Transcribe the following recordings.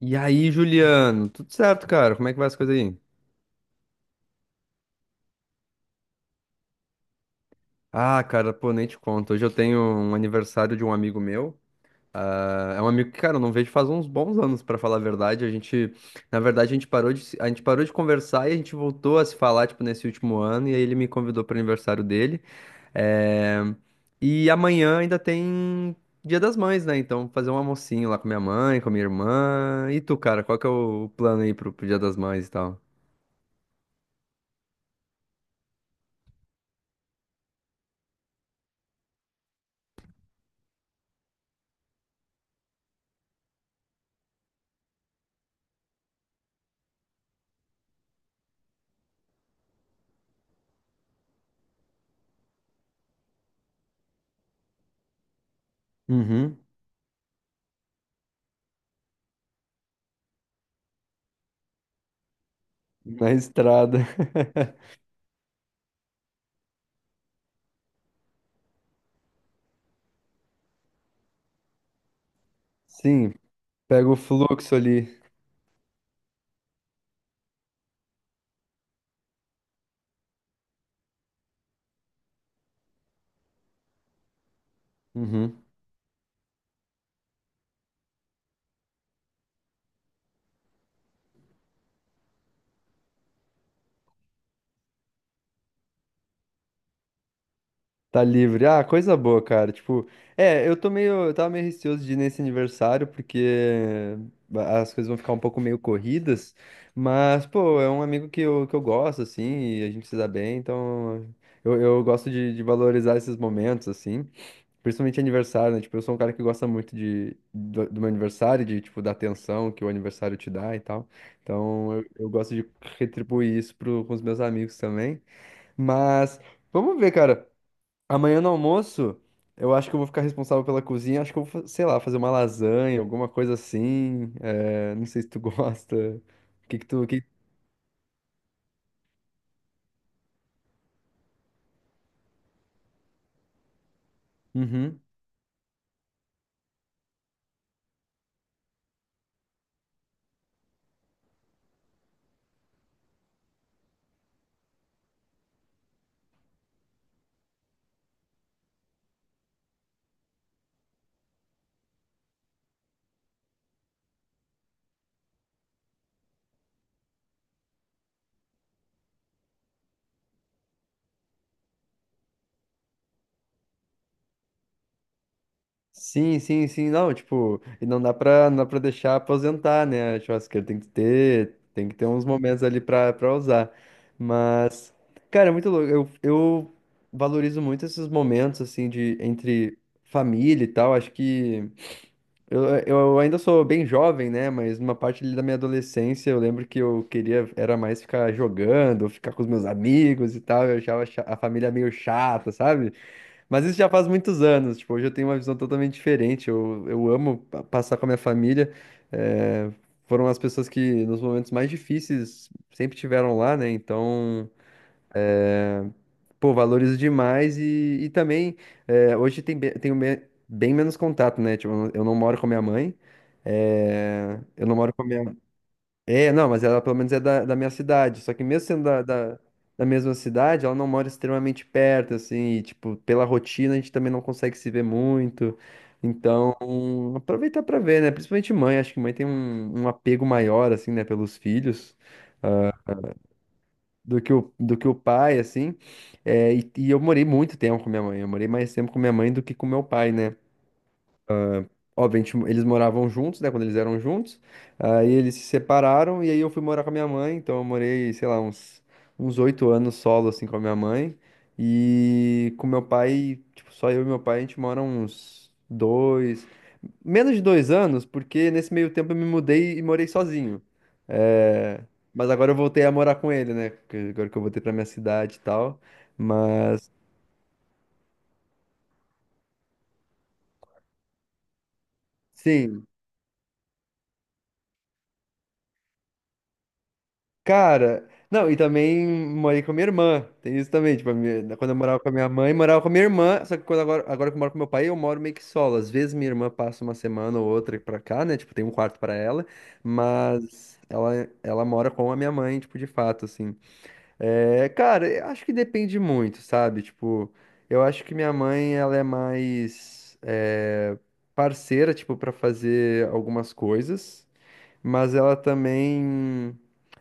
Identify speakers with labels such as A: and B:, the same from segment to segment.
A: E aí, Juliano, tudo certo, cara? Como é que vai as coisas aí? Ah, cara, pô, nem te conto. Hoje eu tenho um aniversário de um amigo meu. Ah, é um amigo que, cara, eu não vejo faz uns bons anos, pra falar a verdade. A gente, na verdade, a gente parou de, se- a gente parou de conversar e a gente voltou a se falar, tipo, nesse último ano. E aí ele me convidou pro aniversário dele. É. E amanhã ainda tem Dia das Mães, né? Então, vou fazer um almocinho lá com minha mãe, com minha irmã. E tu, cara, qual que é o plano aí pro Dia das Mães e tal? Uhum. Na estrada. Sim, pega o fluxo ali. Uhum. Tá livre. Ah, coisa boa, cara. Tipo, é, eu tava meio receoso de ir nesse aniversário, porque as coisas vão ficar um pouco meio corridas, mas, pô, é um amigo que eu gosto, assim, e a gente se dá bem, então eu gosto de valorizar esses momentos, assim, principalmente aniversário, né? Tipo, eu sou um cara que gosta muito do meu aniversário, de, tipo, da atenção que o aniversário te dá e tal, então eu gosto de retribuir isso pro, com os meus amigos também. Mas vamos ver, cara. Amanhã no almoço, eu acho que eu vou ficar responsável pela cozinha. Acho que sei lá, fazer uma lasanha, alguma coisa assim. É, não sei se tu gosta. O que que tu. Que... Uhum. Sim, sim, sim. Não, tipo, e não dá pra deixar aposentar, né? A churrasqueira tem que ter uns momentos ali pra usar. Mas, cara, é muito louco. Eu valorizo muito esses momentos, assim, de entre família e tal. Acho que. Eu ainda sou bem jovem, né? Mas numa parte ali da minha adolescência, eu lembro que eu queria era mais ficar jogando, ficar com os meus amigos e tal. A família meio chata, sabe? Mas isso já faz muitos anos. Tipo, hoje eu tenho uma visão totalmente diferente. Passar com a minha família. eh, foram as pessoas que nos momentos mais difíceis sempre tiveram lá, né? Então. É. Pô, valorizo demais e também é, hoje tem, be- tenho me- bem menos contato, né? Tipo, eu não moro com a minha mãe, é, eu não moro com a minha... É, não, mas ela pelo menos é da minha cidade, só que mesmo sendo da mesma cidade, ela não mora extremamente perto, assim, e, tipo, pela rotina a gente também não consegue se ver muito, então aproveitar pra ver, né? Principalmente mãe, acho que mãe tem um apego maior, assim, né, pelos filhos. Ah, do que o pai, assim. É, e eu morei muito tempo com minha mãe. Eu morei mais tempo com minha mãe do que com meu pai, né? Obviamente, eles moravam juntos, né? Quando eles eram juntos. Aí eles se separaram e aí eu fui morar com a minha mãe. Então eu morei, sei lá, uns 8 anos solo, assim, com a minha mãe. E com meu pai, tipo, só eu e meu pai, a gente mora uns dois. Menos de 2 anos, porque nesse meio tempo eu me mudei e morei sozinho. É. Mas agora eu voltei a morar com ele, né? Agora que eu voltei pra minha cidade e tal. Mas, sim, cara. Não, e também morei com a minha irmã. Tem isso também. Quando eu morava com a minha mãe, morava com a minha irmã. Só que agora que eu moro com meu pai, eu moro meio que solo. Às vezes minha irmã passa uma semana ou outra pra cá, né? Tipo, tem um quarto pra ela. Mas ela mora com a minha mãe, tipo, de fato, assim. É, cara, eu acho que depende muito, sabe? Tipo, eu acho que minha mãe, ela é mais é, parceira, tipo, pra fazer algumas coisas, mas ela também...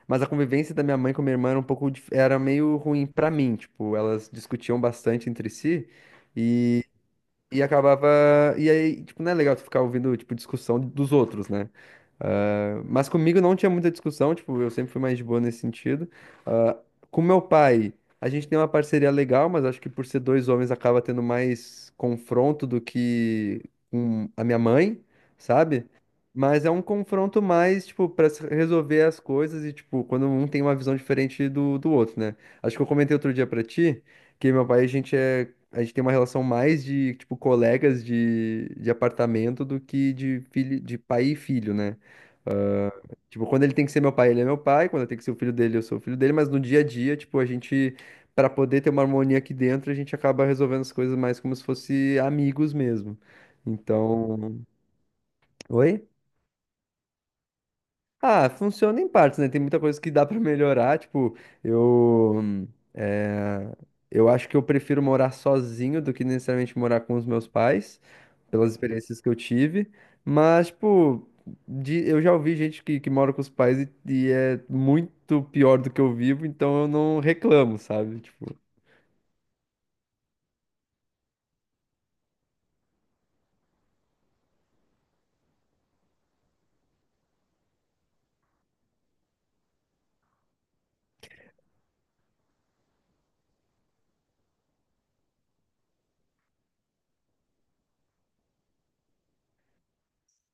A: Mas a convivência da minha mãe com minha irmã era um pouco... era meio ruim pra mim, tipo, elas discutiam bastante entre si e acabava. E aí, tipo, não é legal tu ficar ouvindo, tipo, discussão dos outros, né? Ah, mas comigo não tinha muita discussão, tipo, eu sempre fui mais de boa nesse sentido. Ah, com meu pai, a gente tem uma parceria legal, mas acho que por ser dois homens acaba tendo mais confronto do que com a minha mãe, sabe? Mas é um confronto mais, tipo, pra se resolver as coisas e, tipo, quando um tem uma visão diferente do outro, né? Acho que eu comentei outro dia pra ti que meu pai, a gente tem uma relação mais de, tipo, colegas de apartamento do que de filho, de pai e filho, né? Tipo, quando ele tem que ser meu pai, ele é meu pai, quando eu tenho que ser o filho dele, eu sou o filho dele, mas no dia a dia, tipo, a gente, pra poder ter uma harmonia aqui dentro, a gente acaba resolvendo as coisas mais como se fosse amigos mesmo. Então, oi? Ah, funciona em partes, né? Tem muita coisa que dá pra melhorar. Tipo, eu. hum, eh, eu acho que eu prefiro morar sozinho do que necessariamente morar com os meus pais, pelas experiências que eu tive. Mas, tipo, eu já ouvi gente que mora com os pais e é muito pior do que eu vivo, então eu não reclamo, sabe? Tipo,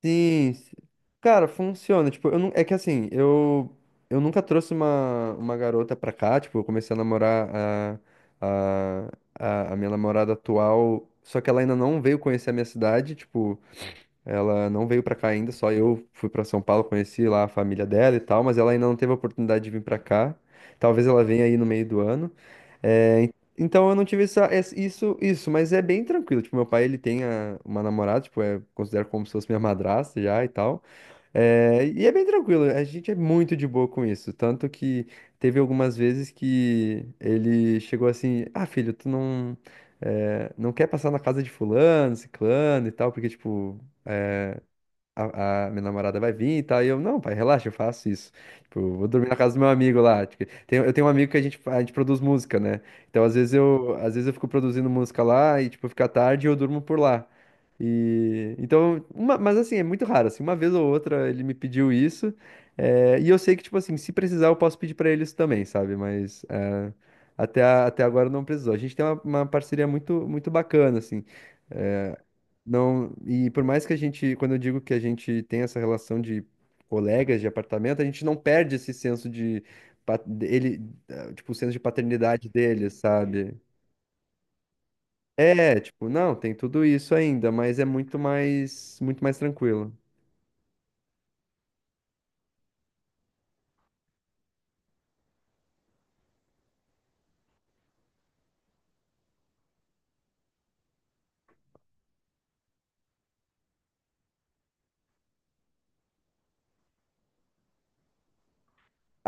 A: sim, sim. Cara, funciona. Tipo, eu não... é que assim, eu nunca trouxe uma garota pra cá. Tipo, eu comecei a namorar a, a minha namorada atual, só que ela ainda não veio conhecer a minha cidade. Tipo, ela não veio pra cá ainda, só eu fui pra São Paulo, conheci lá a família dela e tal, mas ela ainda não teve a oportunidade de vir pra cá. Talvez ela venha aí no meio do ano. É, en- então eu não tive isso, mas é bem tranquilo. Tipo, meu pai, uma namorada, tipo, é, considero como se fosse minha madrasta já e tal. É, e é bem tranquilo, a gente é muito de boa com isso. Tanto que teve algumas vezes que ele chegou assim, ah, filho, tu não, é, não quer passar na casa de fulano, ciclano e tal, porque, tipo, a minha namorada vai vir e tal. E eu, não, pai, relaxa, eu faço isso. Tipo, eu vou dormir na casa do meu amigo lá. Tipo, eu tenho um amigo que a gente produz música, né? Então, às vezes eu fico produzindo música lá e, tipo, fica tarde e eu durmo por lá. E, então, mas assim, é muito raro, assim, uma vez ou outra ele me pediu isso, é, e eu sei que, tipo assim, se precisar eu posso pedir pra ele isso também, sabe? Mas é, até, até agora não precisou. A gente tem uma parceria muito, muito bacana, assim, não, e por mais que a gente, quando eu digo que a gente tem essa relação de colegas de apartamento, a gente não perde esse senso de pa- ele, tipo, o senso de paternidade dele, sabe? É, tipo, não, tem tudo isso ainda, mas é muito mais tranquilo.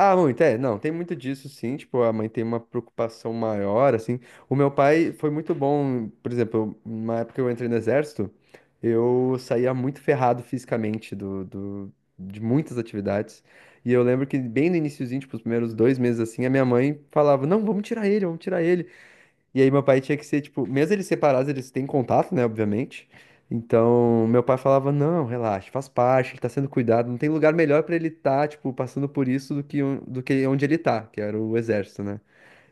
A: Ah, muito, é, não, tem muito disso sim, tipo, a mãe tem uma preocupação maior, assim. O meu pai foi muito bom, por exemplo, na época que eu entrei no exército, eu saía muito ferrado fisicamente de muitas atividades. E eu lembro que bem no iniciozinho, tipo, os primeiros 2 meses assim, a minha mãe falava, não, vamos tirar ele, vamos tirar ele. E aí meu pai tinha que ser, tipo, mesmo eles separados, eles têm contato, né, obviamente. Então, meu pai falava, não, relaxa, faz parte, ele tá sendo cuidado, não tem lugar melhor pra ele estar, tipo, passando por isso do que, do que onde ele tá, que era o exército, né?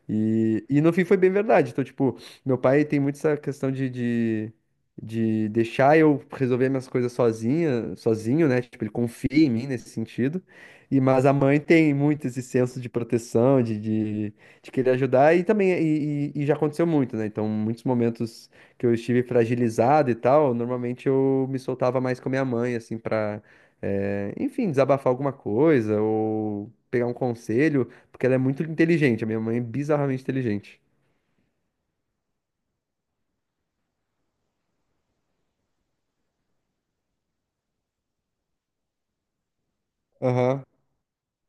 A: E no fim foi bem verdade. Então, tipo, meu pai tem muito essa questão de deixar eu resolver minhas coisas sozinha, sozinho, né? Tipo, ele confia em mim nesse sentido. E, mas a mãe tem muito esse senso de proteção, de querer ajudar, e também, e já aconteceu muito, né? Então, muitos momentos que eu estive fragilizado e tal, normalmente eu me soltava mais com a minha mãe, assim, pra, enfim, desabafar alguma coisa ou pegar um conselho. Porque ela é muito inteligente. A minha mãe é bizarramente inteligente. Aham.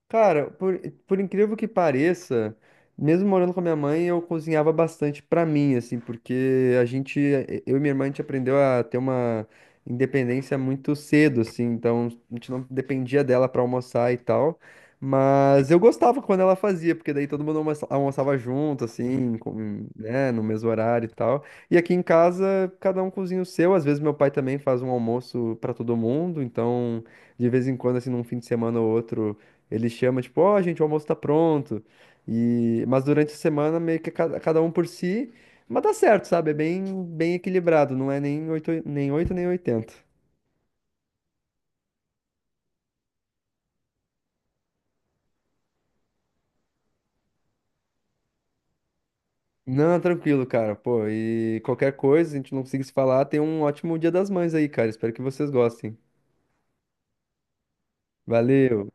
A: Cara, por incrível que pareça, mesmo morando com a minha mãe, eu cozinhava bastante pra mim, assim, porque a gente, eu e minha irmã, a gente aprendeu a ter uma independência muito cedo, assim, então a gente não dependia dela pra almoçar e tal. Mas eu gostava quando ela fazia, porque daí almoçava junto, assim, né, no mesmo horário e tal. E aqui em casa, cada um cozinha o seu. Às vezes meu pai também faz um almoço pra todo mundo, então de vez em quando, assim, num fim de semana ou outro. Ele chama, tipo, ó, gente, o almoço tá pronto. E... mas durante a semana, meio que cada um por si. Mas dá certo, sabe? É bem, bem equilibrado. Não é nem 8, nem 8, nem 80. Não, tranquilo, cara. Pô, e qualquer coisa, a gente não conseguir se falar, tem um ótimo Dia das Mães aí, cara. Espero que vocês gostem. Valeu!